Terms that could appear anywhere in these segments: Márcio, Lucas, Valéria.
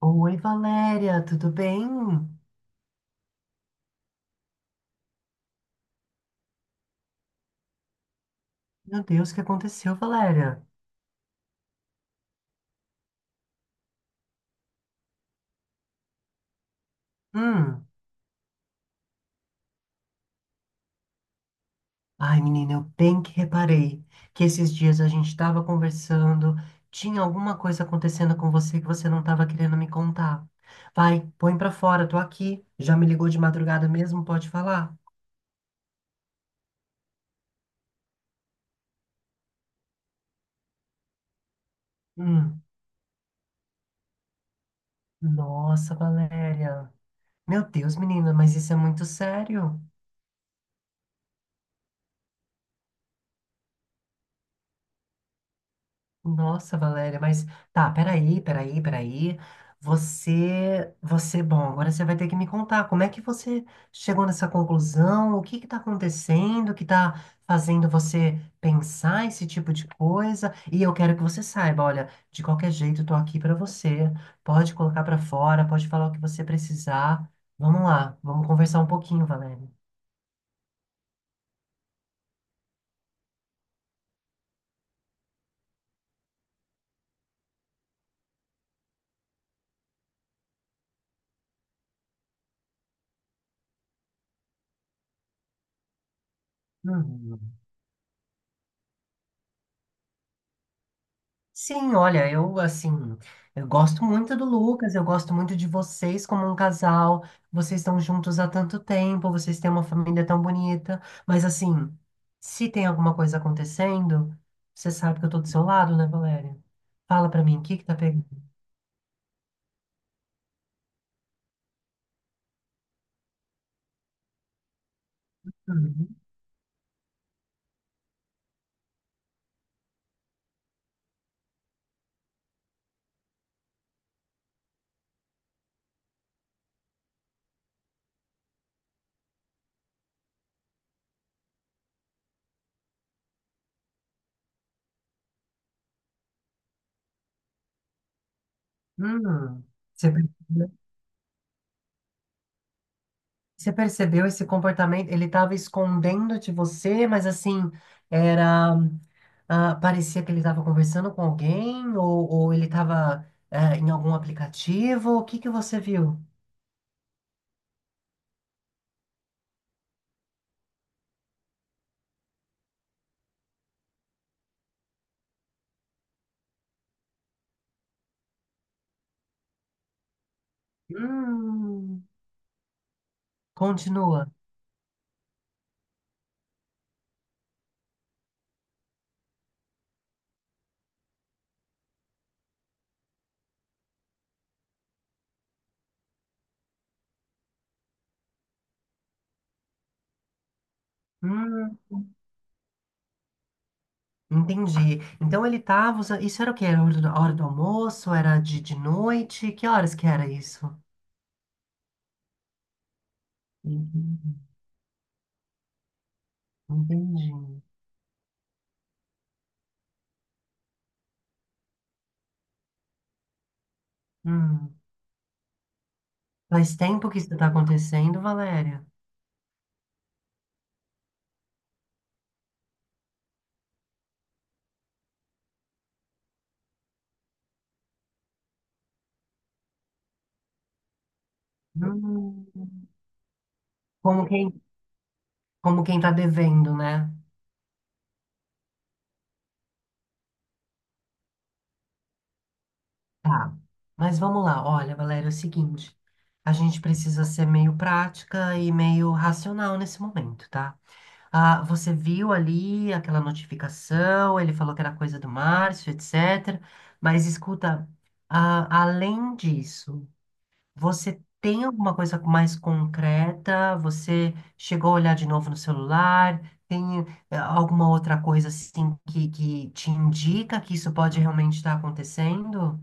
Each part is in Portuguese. Oi, Valéria, tudo bem? Meu Deus, o que aconteceu, Valéria? Hum. Ai, menina, eu bem que reparei que esses dias a gente estava conversando, tinha alguma coisa acontecendo com você que você não estava querendo me contar. Vai, põe pra fora, tô aqui. Já me ligou de madrugada mesmo, pode falar? Hum. Nossa, Valéria. Meu Deus, menina, mas isso é muito sério. Nossa, Valéria, mas tá, peraí, peraí, peraí. Você, bom, agora você vai ter que me contar como é que você chegou nessa conclusão, o que que tá acontecendo, que tá fazendo você pensar esse tipo de coisa. E eu quero que você saiba, olha, de qualquer jeito eu tô aqui pra você. Pode colocar pra fora, pode falar o que você precisar. Vamos lá, vamos conversar um pouquinho, Valéria. Uhum. Sim, olha, eu assim, eu gosto muito do Lucas, eu gosto muito de vocês como um casal. Vocês estão juntos há tanto tempo, vocês têm uma família tão bonita, mas assim, se tem alguma coisa acontecendo, você sabe que eu tô do seu lado, né, Valéria? Fala pra mim, o que que tá pegando? Hum, hum, você percebeu, você percebeu esse comportamento? Ele tava escondendo de você, mas assim, era ah, parecia que ele estava conversando com alguém ou ele estava em algum aplicativo. O que que você viu? Hum, continua. Hum, entendi. Então ele estava usando. Isso era o quê? Era a hora do almoço? Era de noite? Que horas que era isso? Hum, entendi. Hum, faz tempo que isso está acontecendo, Valéria? Hum, como quem, como quem está devendo, né? Tá, mas vamos lá. Olha, Valéria, é o seguinte: a gente precisa ser meio prática e meio racional nesse momento, tá? Ah, você viu ali aquela notificação, ele falou que era coisa do Márcio, etc. Mas escuta, além disso, você tem alguma coisa mais concreta? Você chegou a olhar de novo no celular? Tem alguma outra coisa assim que te indica que isso pode realmente estar acontecendo?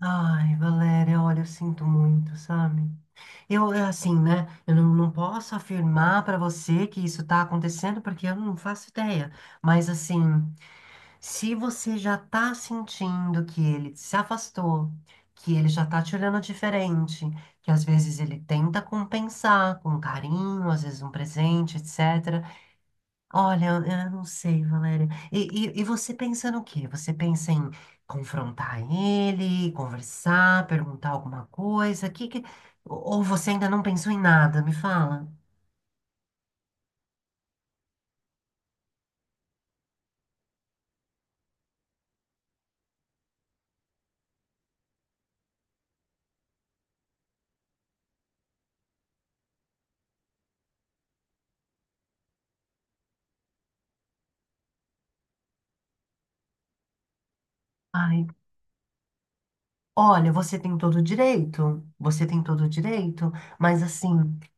Ai, Valéria, olha, eu sinto muito, sabe? É assim, né? Eu não posso afirmar pra você que isso tá acontecendo, porque eu não faço ideia. Mas, assim, se você já tá sentindo que ele se afastou, que ele já tá te olhando diferente, que às vezes ele tenta compensar com carinho, às vezes um presente, etc. Olha, eu não sei, Valéria. E você pensa no quê? Você pensa em confrontar ele, conversar, perguntar alguma coisa? Ou você ainda não pensou em nada? Me fala. Ai, olha, você tem todo o direito, você tem todo o direito, mas assim,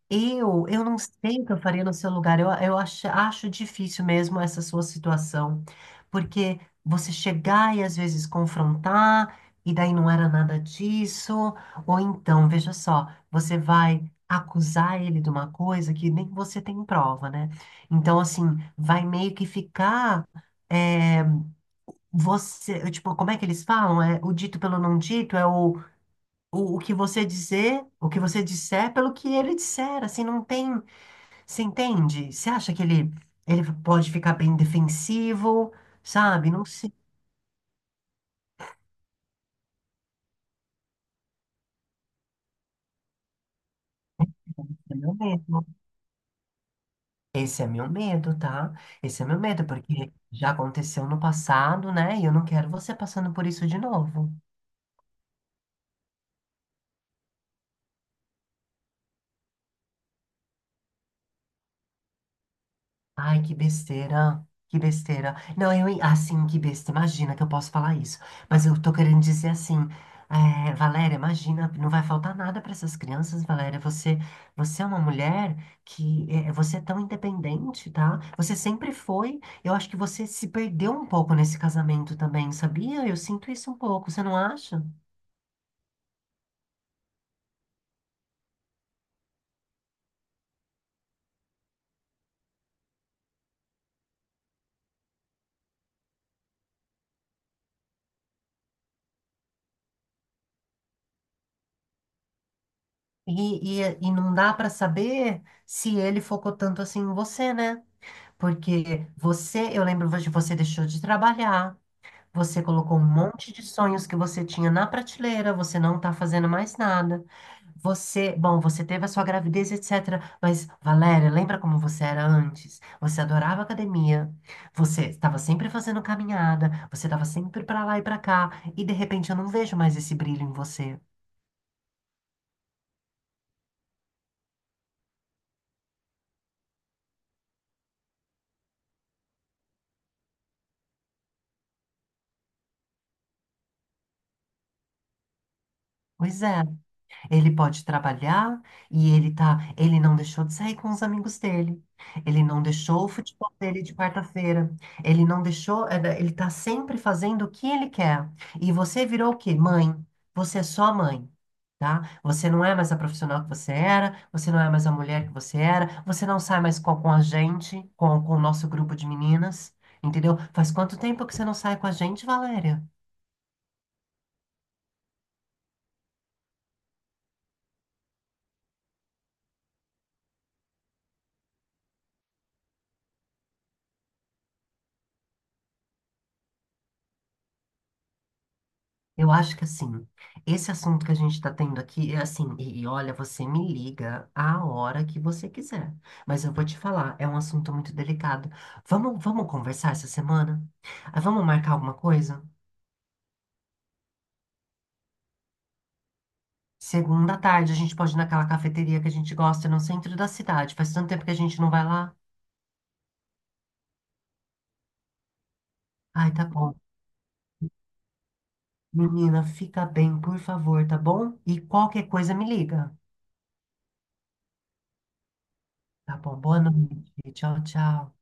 eu não sei o que eu faria no seu lugar. Eu acho difícil mesmo essa sua situação, porque você chegar e às vezes confrontar, e daí não era nada disso, ou então, veja só, você vai acusar ele de uma coisa que nem você tem prova, né? Então, assim, vai meio que ficar. eh, Você, tipo, como é que eles falam? É, o dito pelo não dito é o que você dizer, o que você disser pelo que ele disser, assim, não tem, você entende? Você acha que ele pode ficar bem defensivo, sabe? Não sei, esse é meu medo. Esse é meu medo, tá? Esse é meu medo, porque já aconteceu no passado, né? E eu não quero você passando por isso de novo. Ai, que besteira. Que besteira. Não, assim, que besteira. Imagina que eu posso falar isso. Mas eu tô querendo dizer assim, Valéria, imagina, não vai faltar nada para essas crianças, Valéria. Você é uma mulher, você é tão independente, tá? Você sempre foi. Eu acho que você se perdeu um pouco nesse casamento também, sabia? Eu sinto isso um pouco, você não acha? E não dá para saber se ele focou tanto assim em você, né? Porque eu lembro de você deixou de trabalhar, você colocou um monte de sonhos que você tinha na prateleira, você não tá fazendo mais nada. Bom, você teve a sua gravidez, etc. Mas, Valéria, lembra como você era antes? Você adorava academia, você estava sempre fazendo caminhada, você estava sempre pra lá e pra cá, e de repente eu não vejo mais esse brilho em você. Pois é. Ele pode trabalhar e ele não deixou de sair com os amigos dele. Ele não deixou o futebol dele de quarta-feira. Ele não deixou, ele tá sempre fazendo o que ele quer. E você virou o quê? Mãe. Você é só mãe, tá? Você não é mais a profissional que você era, você não é mais a mulher que você era, você não sai mais com a gente, com o nosso grupo de meninas, entendeu? Faz quanto tempo que você não sai com a gente, Valéria? Eu acho que assim, esse assunto que a gente está tendo aqui é assim, e olha, você me liga a hora que você quiser. Mas eu vou te falar, é um assunto muito delicado. Vamos, vamos conversar essa semana? Ah, vamos marcar alguma coisa? Segunda à tarde, a gente pode ir naquela cafeteria que a gente gosta no centro da cidade. Faz tanto tempo que a gente não vai lá. Ai, tá bom. Menina, fica bem, por favor, tá bom? E qualquer coisa me liga. Tá bom, boa noite. Tchau, tchau.